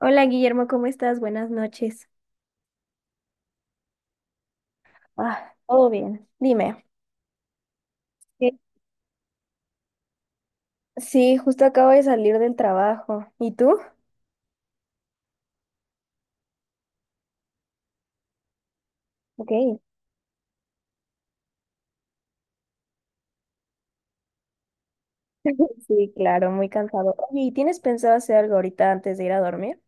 Hola Guillermo, ¿cómo estás? Buenas noches. Ah, todo bien. Dime. Sí, sí, justo acabo de salir del trabajo. ¿Y tú? Ok. Sí, claro, muy cansado. Oye, ¿y tienes pensado hacer algo ahorita antes de ir a dormir?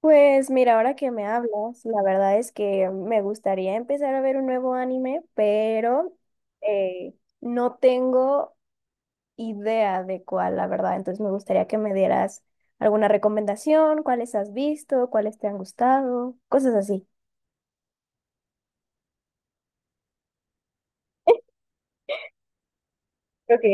Pues mira, ahora que me hablas, la verdad es que me gustaría empezar a ver un nuevo anime, pero eh, no tengo idea de cuál, la verdad. Entonces me gustaría que me dieras alguna recomendación, cuáles has visto, cuáles te han gustado, cosas así. Ok.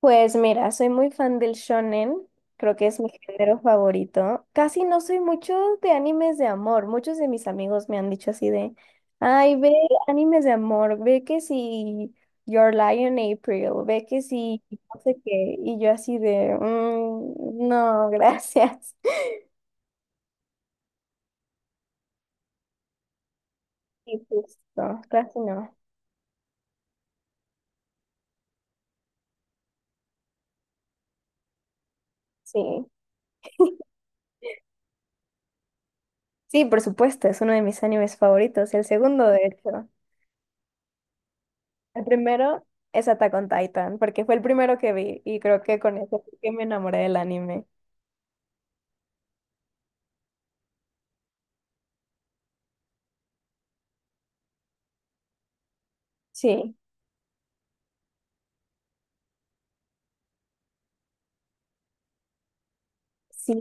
Pues mira, soy muy fan del shonen, creo que es mi género favorito. Casi no soy mucho de animes de amor, muchos de mis amigos me han dicho así de, ay, ve animes de amor, ve que si Your Lion April, ve que si no sé qué, y yo así de, "Mm, no, gracias." Y justo, casi no, sí. Sí, por supuesto, es uno de mis animes favoritos, el segundo de hecho. El primero es Attack on Titan, porque fue el primero que vi y creo que con eso fue que me enamoré del anime. Sí. Sí,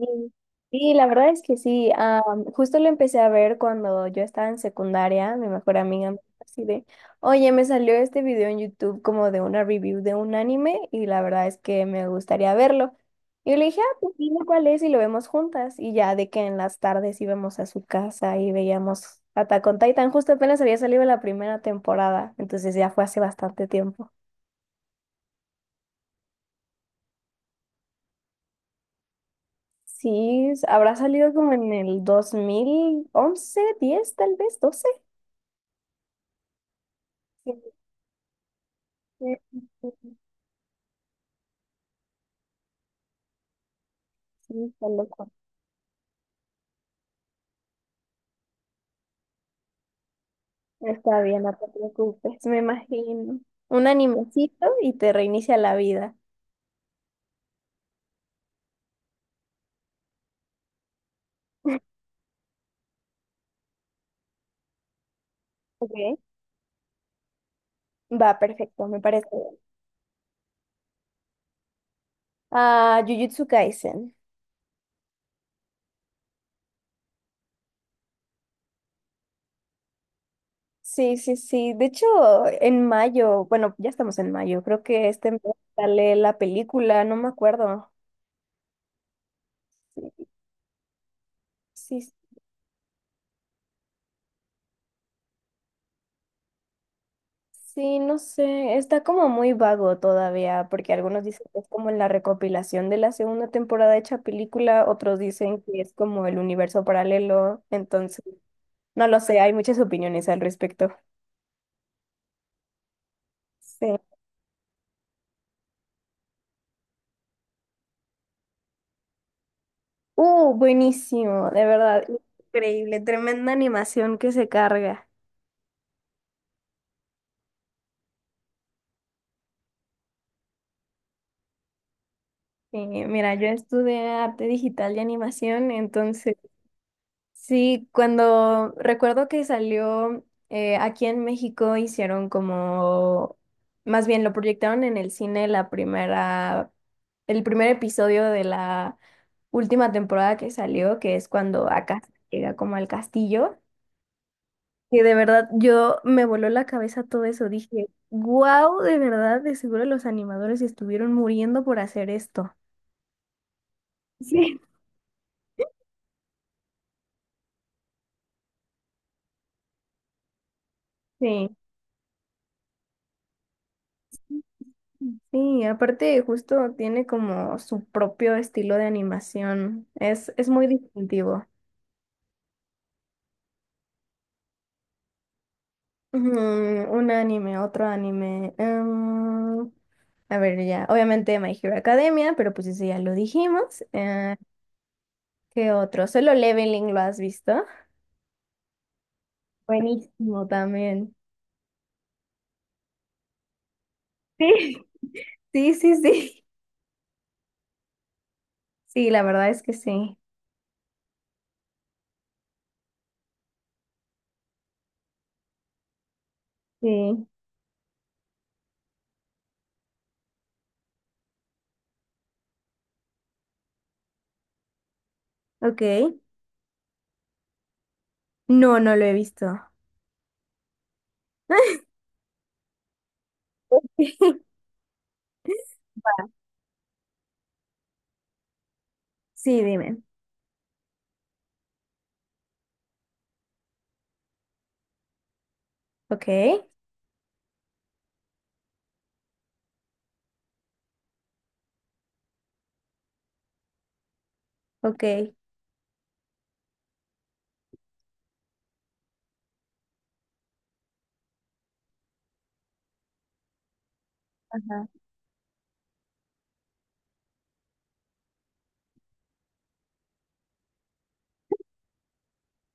sí, la verdad es que sí. Justo lo empecé a ver cuando yo estaba en secundaria. Mi mejor amiga me dijo así de, oye, me salió este video en YouTube como de una review de un anime y la verdad es que me gustaría verlo. Y yo le dije, ah, pues dime cuál es y lo vemos juntas. Y ya de que en las tardes íbamos a su casa y veíamos Attack on Titan. Justo apenas había salido la primera temporada, entonces ya fue hace bastante tiempo. Sí, habrá salido como en el 2011, 10 tal vez, 12. Sí, sí, sí, sí, está loco. Está bien, no te preocupes, me imagino. Un animecito y te reinicia la vida. Ok. Va, perfecto, me parece bien. Ah, Jujutsu Kaisen. Sí, sí, sí. De hecho, en mayo, bueno, ya estamos en mayo, creo que este mes sale la película, no me acuerdo. Sí, sí, sí, no sé, está como muy vago todavía, porque algunos dicen que es como la recopilación de la segunda temporada hecha película, otros dicen que es como el universo paralelo, entonces, no lo sé, hay muchas opiniones al respecto. Sí. Buenísimo, de verdad, increíble, tremenda animación que se carga. Sí, mira, yo estudié arte digital y animación, entonces sí, cuando recuerdo que salió aquí en México hicieron como, más bien lo proyectaron en el cine la primera, el primer episodio de la última temporada que salió, que es cuando acá llega como al castillo, que de verdad yo me voló la cabeza todo eso, dije, wow, de verdad, de seguro los animadores estuvieron muriendo por hacer esto. Sí. Sí. Sí, aparte justo tiene como su propio estilo de animación. Es muy distintivo. Ujú, un anime, otro anime. A ver, ya. Obviamente My Hero Academia, pero pues eso ya lo dijimos. ¿Qué otro? Solo Leveling, ¿lo has visto? Buenísimo también. Sí. Sí, sí, sí. Sí, la verdad es que sí. Sí. Ok. No, no lo he visto. Sí, dime. Ok, ok.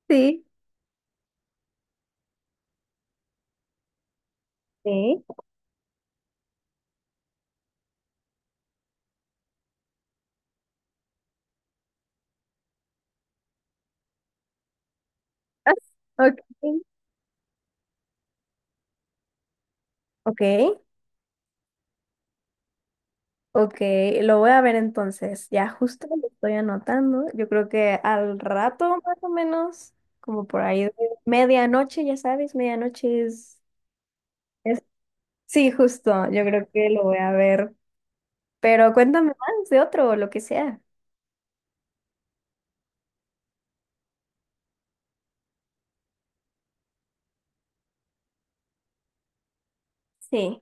Sí. Sí. Ah, ok, ok, ok, lo voy a ver entonces. Ya justo lo estoy anotando. Yo creo que al rato más o menos, como por ahí de medianoche, ya sabes, medianoche es... Sí, justo, yo creo que lo voy a ver. Pero cuéntame más de otro o lo que sea. Sí,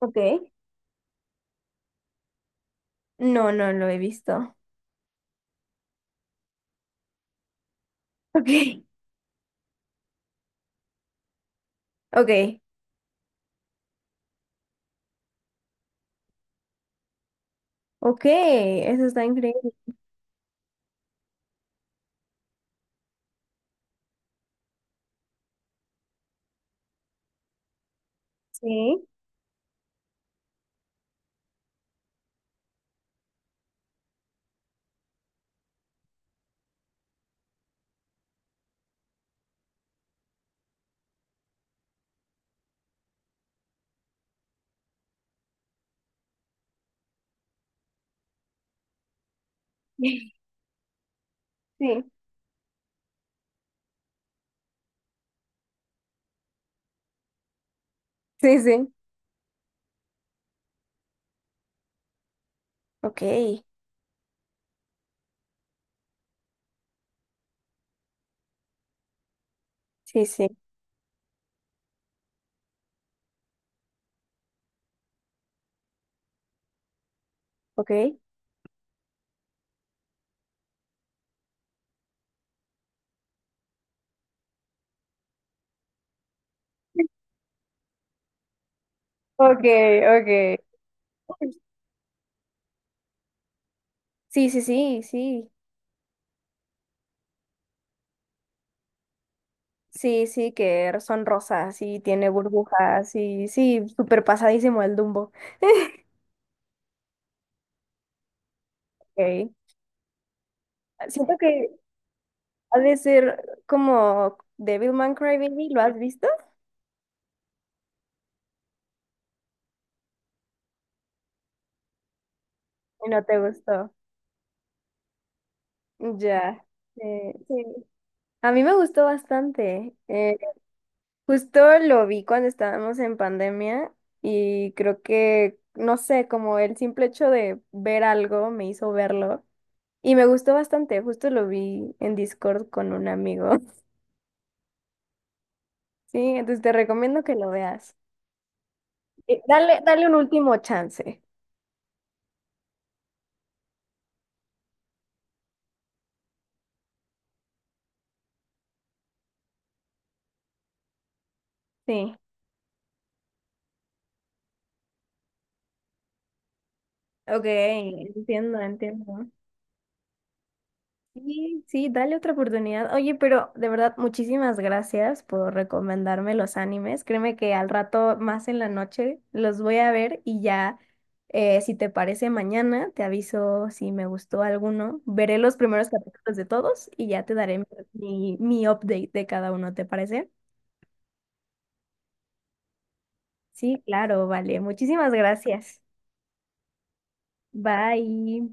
ok. No, no lo he visto. Ok, ok, ok, eso está increíble. Sí, sí, sí, sí. Ok, sí, sí. Ok. Ok, ok. Sí, sí, sí, sí. Sí, sí, que son rosas y tiene burbujas y sí, súper pasadísimo el Dumbo. Ok. Siento que ha de ser como Devilman Crybaby, ¿lo has visto? Y no te gustó. Ya. Sí. A mí me gustó bastante. Justo lo vi cuando estábamos en pandemia y creo que, no sé, como el simple hecho de ver algo me hizo verlo. Y me gustó bastante, justo lo vi en Discord con un amigo. Sí, entonces te recomiendo que lo veas. Dale, dale un último chance. Sí. Ok, entiendo, entiendo. Sí, sí, dale otra oportunidad. Oye, pero de verdad, muchísimas gracias por recomendarme los animes. Créeme que al rato, más en la noche, los voy a ver y ya, si te parece mañana, te aviso si me gustó alguno. Veré los primeros capítulos de todos y ya te daré mi update de cada uno, ¿te parece? Sí, claro, vale. Muchísimas gracias. Bye.